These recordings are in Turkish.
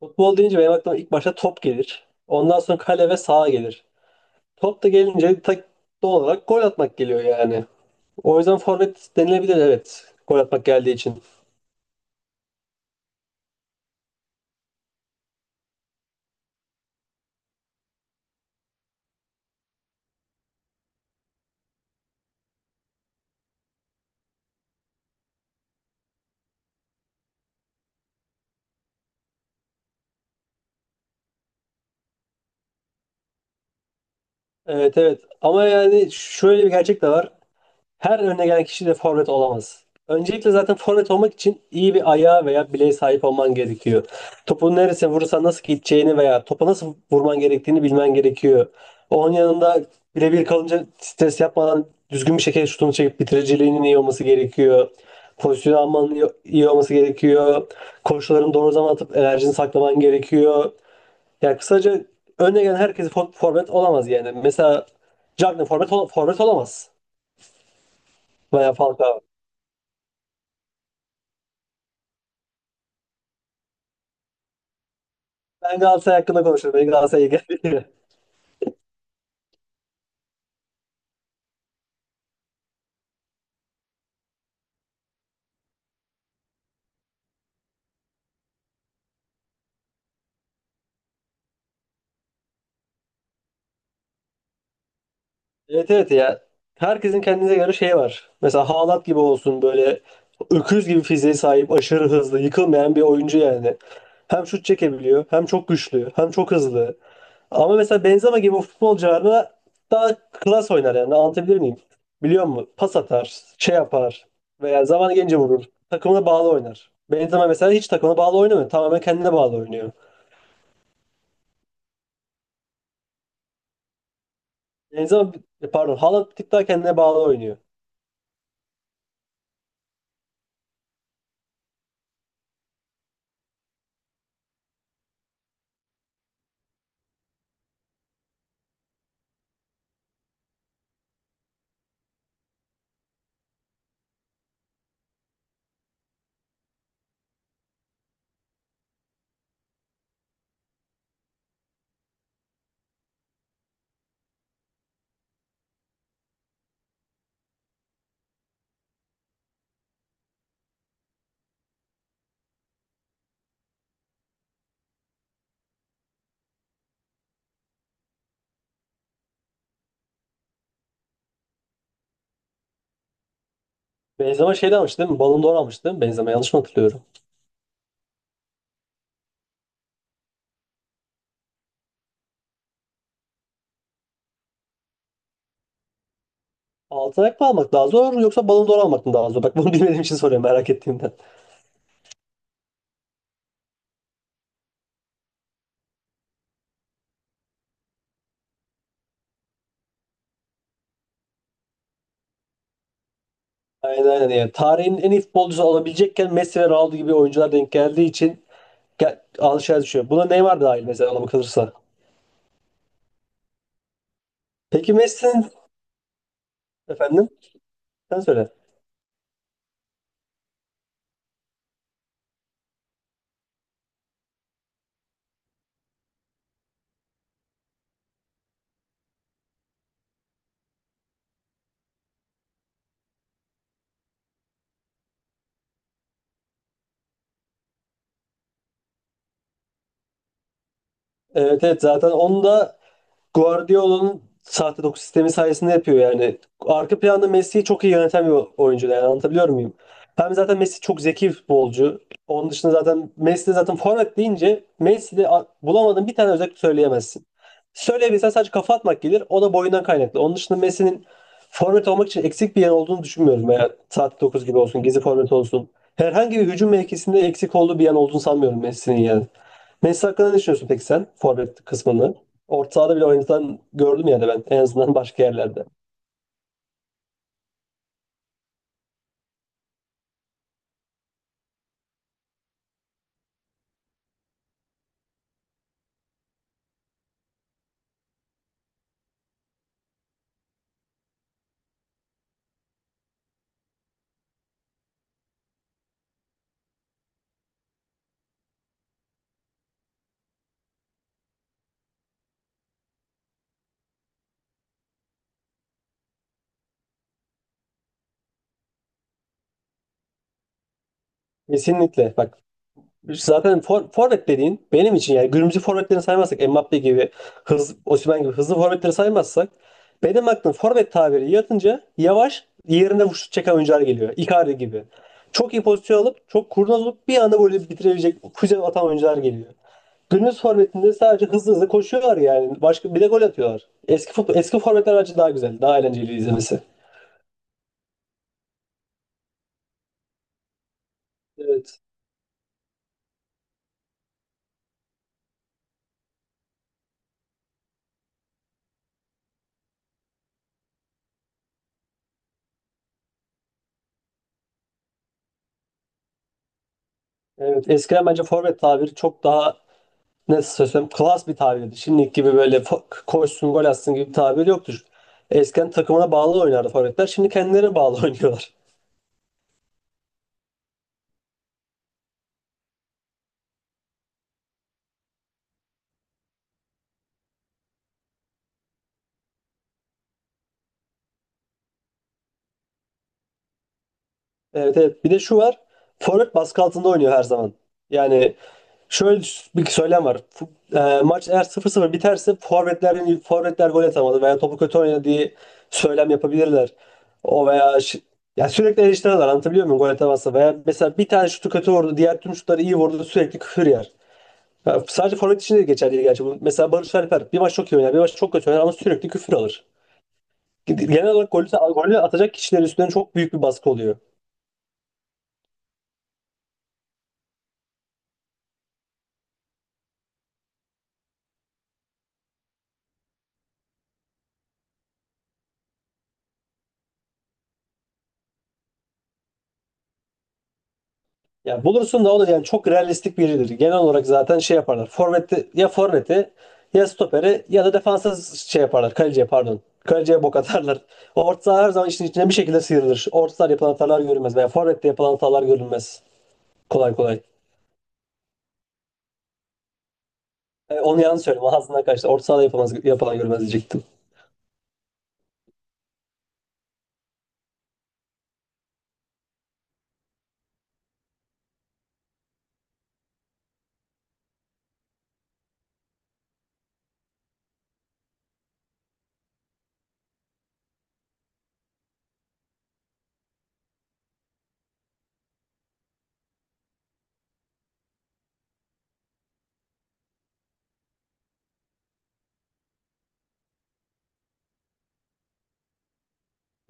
Futbol deyince benim aklıma ilk başta top gelir. Ondan sonra kale ve saha gelir. Top da gelince tak doğal olarak gol atmak geliyor yani. O yüzden forvet denilebilir, evet. Gol atmak geldiği için. Evet, evet. Ama yani şöyle bir gerçek de var. Her önüne gelen kişi de forvet olamaz. Öncelikle zaten forvet olmak için iyi bir ayağa veya bileğe sahip olman gerekiyor. Topu neresine vurursan nasıl gideceğini veya topa nasıl vurman gerektiğini bilmen gerekiyor. Onun yanında birebir kalınca stres yapmadan düzgün bir şekilde şutunu çekip bitiriciliğinin iyi olması gerekiyor. Pozisyon almanın iyi olması gerekiyor. Koşularını doğru zaman atıp enerjini saklaman gerekiyor. Yani kısaca önüne gelen herkes forvet olamaz yani. Mesela Cagney forvet, forvet olamaz veya Falcao. Ben Galatasaray hakkında konuşurum. Beni Galatasaray'a geldi. Evet evet ya. Herkesin kendine göre şeyi var. Mesela Haaland gibi olsun, böyle öküz gibi fiziğe sahip, aşırı hızlı, yıkılmayan bir oyuncu yani. Hem şut çekebiliyor, hem çok güçlü, hem çok hızlı. Ama mesela Benzema gibi futbolcularla daha klas oynar yani. Anlatabilir miyim? Biliyor musun? Pas atar, şey yapar veya zaman gelince vurur. Takımına bağlı oynar. Benzema mesela hiç takımına bağlı oynamıyor. Tamamen kendine bağlı oynuyor. Benzema, pardon, Haaland bir tık daha kendine bağlı oynuyor. Benzema şeyden almıştı değil mi? Ballon d'Or almıştı değil mi? Benzema yanlış mı hatırlıyorum? Altın ayak mı almak daha zor yoksa Ballon d'Or almak mı daha zor? Bak bunu bilmediğim için soruyorum, merak ettiğimden. Aynen aynen yani. Tarihin en iyi futbolcusu olabilecekken Messi ve Ronaldo gibi oyuncular denk geldiği için gel, alışveriş düşüyor. Buna Neymar dahil mesela, ona bakılırsa. Peki Messi'nin efendim sen söyle. Evet evet, zaten onu da Guardiola'nın sahte 9 sistemi sayesinde yapıyor yani. Arka planda Messi'yi çok iyi yöneten bir oyuncu yani, anlatabiliyor muyum? Hem zaten Messi çok zeki bir futbolcu. Onun dışında zaten Messi de zaten forvet deyince Messi'de bulamadığın bir tane özellik söyleyemezsin. Söyleyebilsen sadece kafa atmak gelir. O da boyundan kaynaklı. Onun dışında Messi'nin forvet olmak için eksik bir yan olduğunu düşünmüyorum. Veya sahte 9 gibi olsun, gizli forvet olsun. Herhangi bir hücum mevkisinde eksik olduğu bir yan olduğunu sanmıyorum Messi'nin yani. Messi hakkında ne düşünüyorsun peki sen? Forvet kısmını. Orta sahada bile oynatan gördüm yani, ben en azından başka yerlerde. Kesinlikle bak, zaten forvet dediğin benim için, yani günümüzü forvetlerini saymazsak Mbappe gibi hız, Osimhen gibi hızlı forvetleri saymazsak benim aklım forvet tabiri yatınca yavaş yerinde şut çeken oyuncular geliyor. Icardi gibi. Çok iyi pozisyon alıp çok kurnaz olup bir anda böyle bitirebilecek füze atan oyuncular geliyor. Günümüz forvetinde sadece hızlı koşuyorlar yani. Başka bir de gol atıyorlar. Eski futbol, eski forvetler bence daha güzel, daha eğlenceli izlemesi. Evet. Evet, eskiden bence forvet tabiri çok daha nasıl söylesem klas bir tabirdi. Şimdiki gibi böyle koşsun gol atsın gibi bir tabir yoktur. Eskiden takımına bağlı oynardı forvetler. Şimdi kendilerine bağlı oynuyorlar. Evet evet. Bir de şu var. Forvet baskı altında oynuyor her zaman. Yani şöyle bir söylem var. Maç eğer sıfır sıfır biterse forvetler gol atamadı veya topu kötü oynadı diye söylem yapabilirler. O veya şi- Ya sürekli eleştiriyorlar, anlatabiliyor muyum, gol atamazsa veya mesela bir tane şutu kötü vurdu diğer tüm şutları iyi vurdu sürekli küfür yer. Ya sadece forvet için de geçerli değil gerçi bu. Mesela Barış Alper bir maç çok iyi oynar bir maç çok kötü oynar ama sürekli küfür alır. Genel olarak golü atacak kişilerin üstünden çok büyük bir baskı oluyor. Ya bulursun da o da yani çok realistik biridir. Genel olarak zaten şey yaparlar. Forvet'te ya forveti Ya stoperi ya da defansa şey yaparlar. Kaleciye pardon. Kaleciye bok atarlar. O orta saha her zaman işin içine bir şekilde sıyrılır. Orta sahada yapılan hatalar görülmez veya forvette yapılan hatalar görülmez. Kolay kolay. Onu yanlış söyledim. Ağzından kaçtı. Orta sahada yapılmaz, yapılan görülmez diyecektim.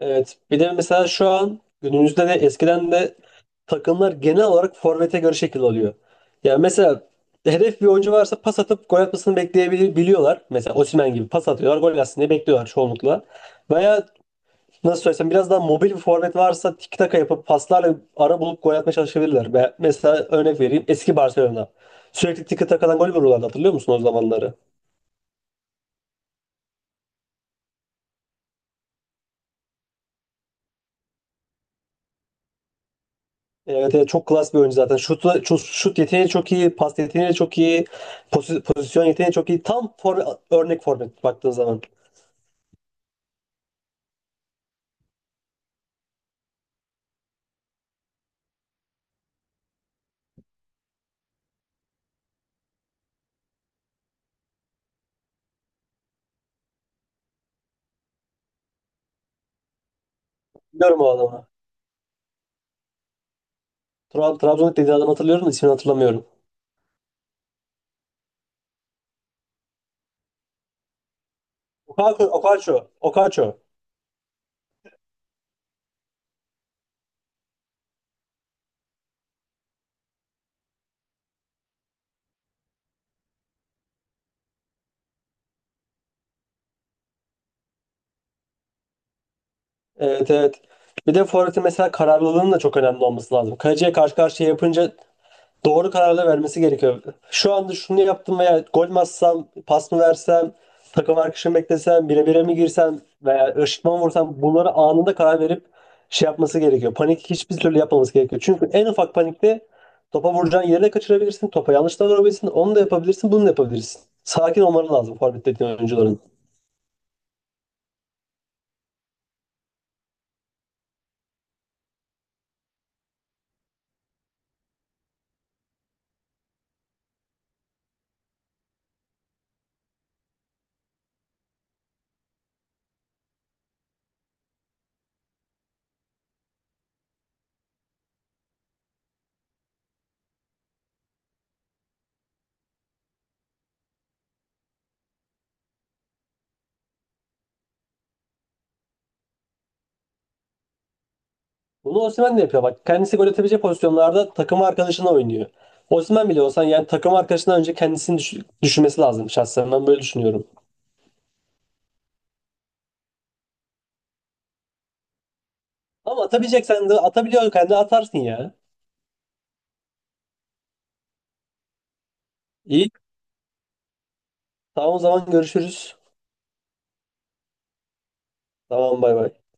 Evet. Bir de mesela şu an günümüzde de eskiden de takımlar genel olarak forvete göre şekil alıyor. Yani mesela hedef bir oyuncu varsa pas atıp gol atmasını bekleyebiliyorlar. Mesela Osimhen gibi pas atıyorlar, gol atsın diye bekliyorlar çoğunlukla. Veya nasıl söylesem biraz daha mobil bir forvet varsa tiki taka yapıp paslarla ara bulup gol atmaya çalışabilirler. Ve mesela örnek vereyim, eski Barcelona. Sürekli tiki takadan gol vuruyorlardı, hatırlıyor musun o zamanları? Evet, evet, çok klas bir oyuncu zaten. Şut yeteneği çok iyi, pas yeteneği çok iyi, pozisyon yeteneği çok iyi. Örnek forvet baktığın zaman. Biliyorum o adamı. Trabzon'da dediği adamı hatırlıyorum da ismini hatırlamıyorum. Okaço. Evet evet. Bir de forvetin mesela kararlılığının da çok önemli olması lazım. Kaleciye karşı karşıya yapınca doğru kararlar vermesi gerekiyor. Şu anda şunu yaptım veya gol mü atsam, pas mı versem, takım arkadaşımı beklesem, bire bire mi girsem veya ışıtma mı vursam, bunları anında karar verip şey yapması gerekiyor. Panik hiçbir türlü yapmaması gerekiyor. Çünkü en ufak panikte topa vuracağın yeri de kaçırabilirsin, topa yanlış da vurabilirsin, onu da yapabilirsin, bunu da yapabilirsin. Sakin olmaları lazım forvet dediğin oyuncuların. Bunu Osimhen de yapıyor bak. Kendisi gol atabilecek pozisyonlarda takım arkadaşına oynuyor. Osimhen bile olsan yani takım arkadaşından önce kendisini düşünmesi lazım, şahsen ben böyle düşünüyorum. Ama atabileceksen de atabiliyorsun de atarsın ya. İyi. Tamam o zaman görüşürüz. Tamam bay bay.